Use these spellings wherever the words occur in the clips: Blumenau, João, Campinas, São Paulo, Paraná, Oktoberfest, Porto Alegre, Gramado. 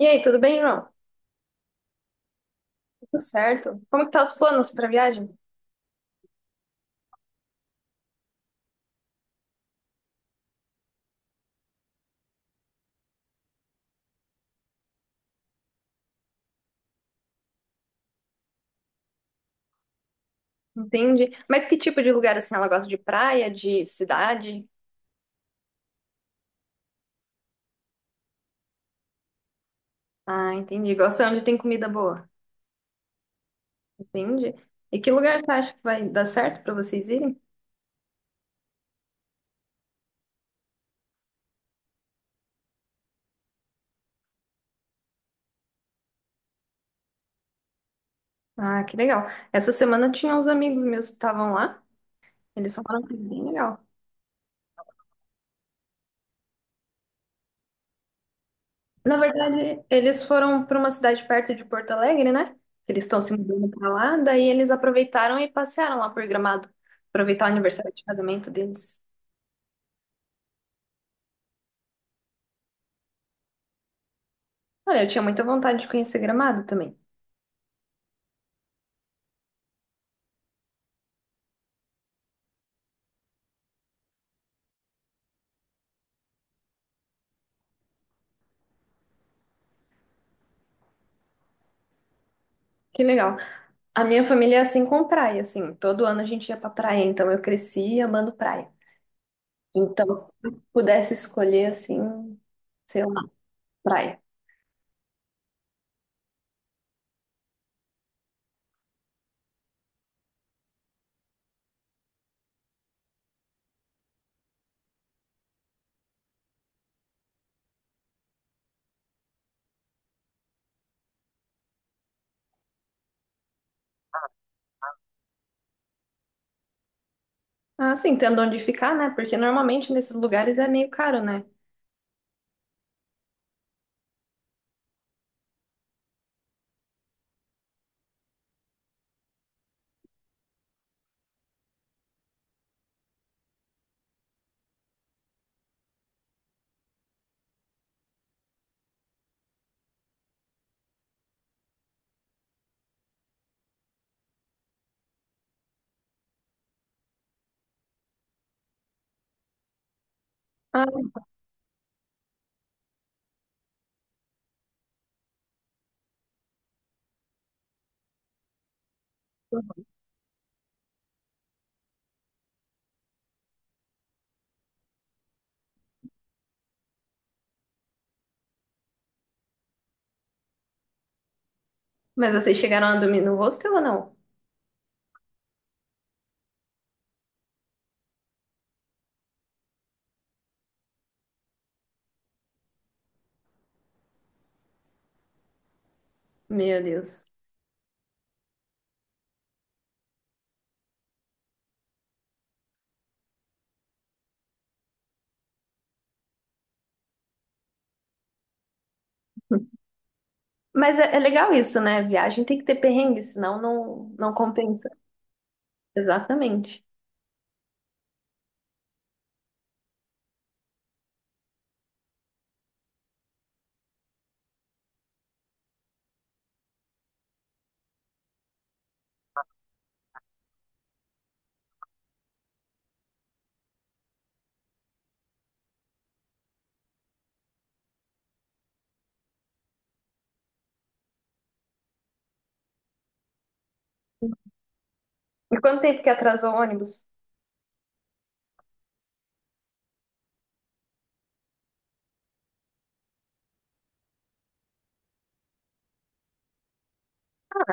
E aí, tudo bem, João? Tudo certo? Como que tá os planos para viagem? Entendi. Mas que tipo de lugar assim ela gosta de praia, de cidade? Ah, entendi. Gosta onde tem comida boa. Entendi. E que lugar você acha que vai dar certo para vocês irem? Ah, que legal. Essa semana tinha uns amigos meus que estavam lá. Eles falaram que é bem legal. Na verdade, eles foram para uma cidade perto de Porto Alegre, né? Eles estão se mudando para lá, daí eles aproveitaram e passearam lá por Gramado, aproveitar o aniversário de casamento deles. Olha, eu tinha muita vontade de conhecer Gramado também. Que legal. A minha família é assim com praia, assim. Todo ano a gente ia pra praia, então eu cresci amando praia. Então, se eu pudesse escolher, assim, sei lá, praia. Ah, sim, tendo onde ficar, né? Porque normalmente nesses lugares é meio caro, né? Ah, mas vocês chegaram a dormir no hostel ou não? Meu Deus. Mas é, é legal isso, né? Viagem tem que ter perrengue, senão não compensa. Exatamente. E quanto tempo que atrasou o ônibus?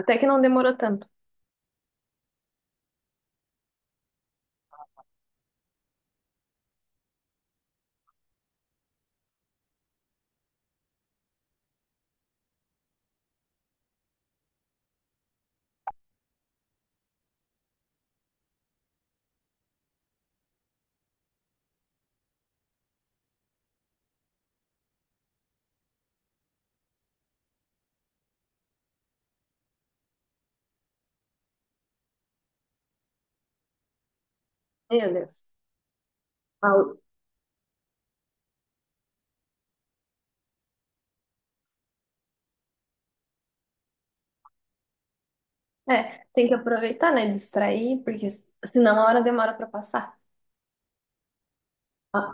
Até que não demorou tanto. Meu Deus. Au- É, tem que aproveitar, né? Distrair, porque senão a hora demora pra passar. Ah,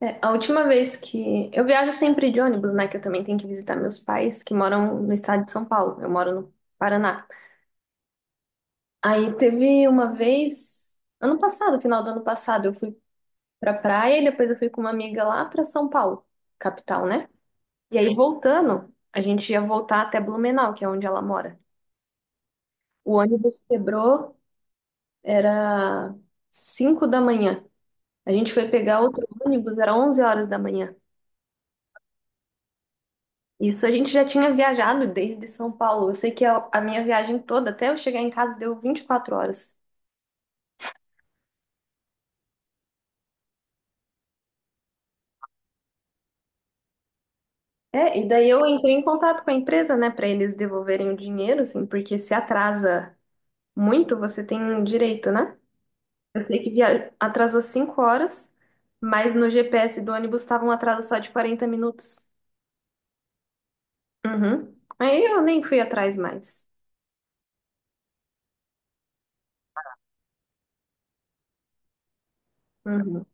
é, a última vez que. Eu viajo sempre de ônibus, né? Que eu também tenho que visitar meus pais, que moram no estado de São Paulo. Eu moro no Paraná. Aí teve uma vez, ano passado, final do ano passado, eu fui pra praia e depois eu fui com uma amiga lá pra São Paulo, capital, né? E aí voltando, a gente ia voltar até Blumenau, que é onde ela mora. O ônibus quebrou, era 5 da manhã. A gente foi pegar outro ônibus, era 11 horas da manhã. Isso a gente já tinha viajado desde São Paulo. Eu sei que a minha viagem toda, até eu chegar em casa, deu 24 horas. É, e daí eu entrei em contato com a empresa, né, para eles devolverem o dinheiro, assim, porque se atrasa muito, você tem um direito, né? Eu sei que atrasou 5 horas, mas no GPS do ônibus estava um atraso só de 40 minutos. Uhum. Aí eu nem fui atrás mais. Uhum.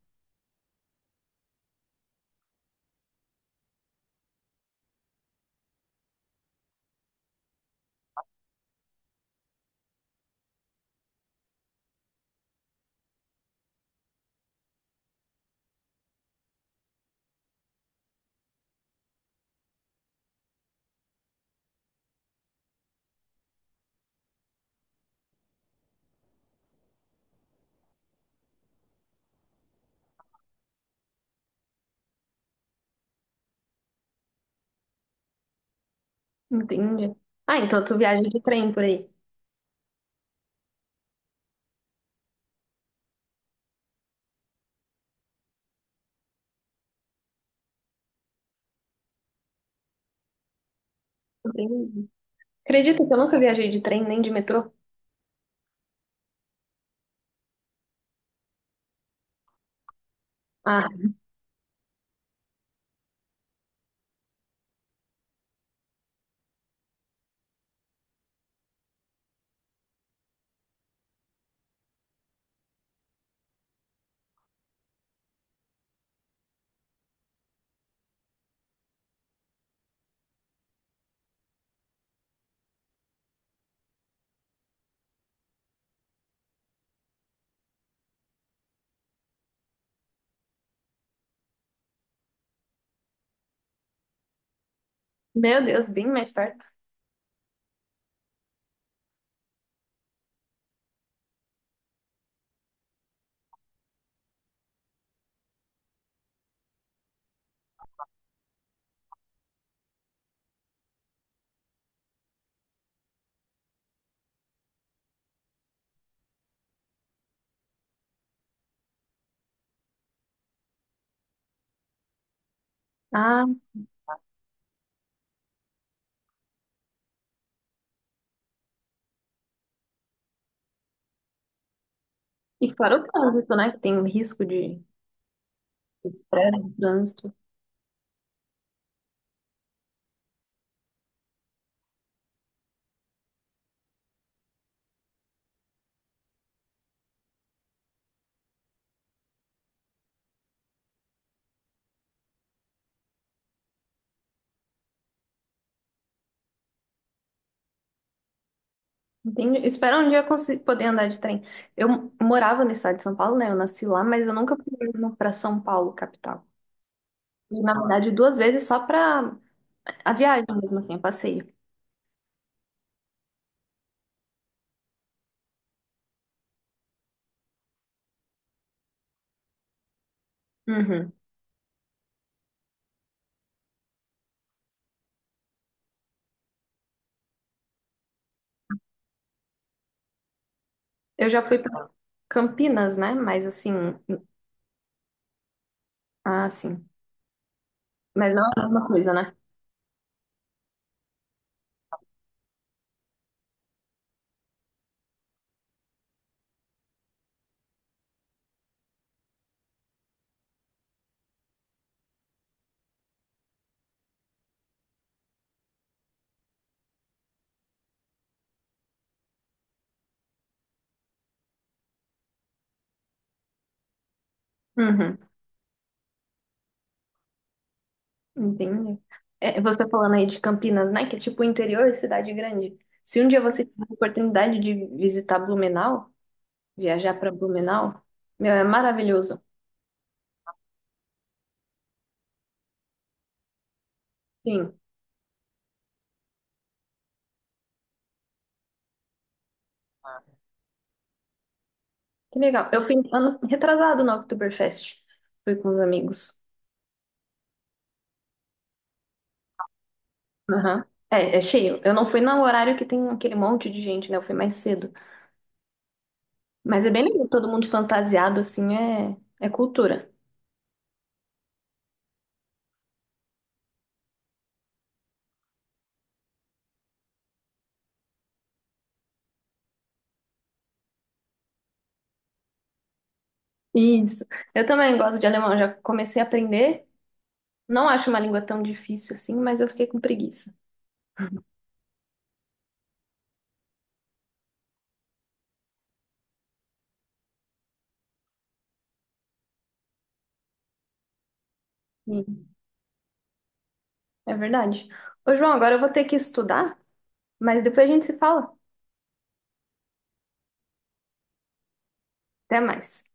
Entendi. Ah, então tu viaja de trem por aí. Entendi. Acredita que eu nunca viajei de trem nem de metrô? Ah, meu Deus, bem mais perto. Ah, e claro, o trânsito, né? Que tem o risco de estresse, de trânsito. Entendi. Espero um dia eu poder andar de trem. Eu morava no estado de São Paulo, né? Eu nasci lá, mas eu nunca fui mesmo pra São Paulo, capital. E, na verdade, duas vezes só pra a viagem mesmo, assim, o passeio. Uhum. Eu já fui pra Campinas, né? Mas assim, ah, sim. Mas não é a mesma coisa, né? Uhum. Entendi. É, você falando aí de Campinas, né? Que é tipo interior e cidade grande. Se um dia você tiver a oportunidade de visitar Blumenau, viajar para Blumenau, meu, é maravilhoso. Sim, que legal. Eu fui ano retrasado no Oktoberfest. Fui com os amigos. Aham. É, é cheio. Eu não fui no horário que tem aquele monte de gente, né? Eu fui mais cedo. Mas é bem legal, todo mundo fantasiado, assim, é, é cultura. Isso. Eu também gosto de alemão, já comecei a aprender. Não acho uma língua tão difícil assim, mas eu fiquei com preguiça. Sim. É verdade. Ô, João, agora eu vou ter que estudar, mas depois a gente se fala. Até mais.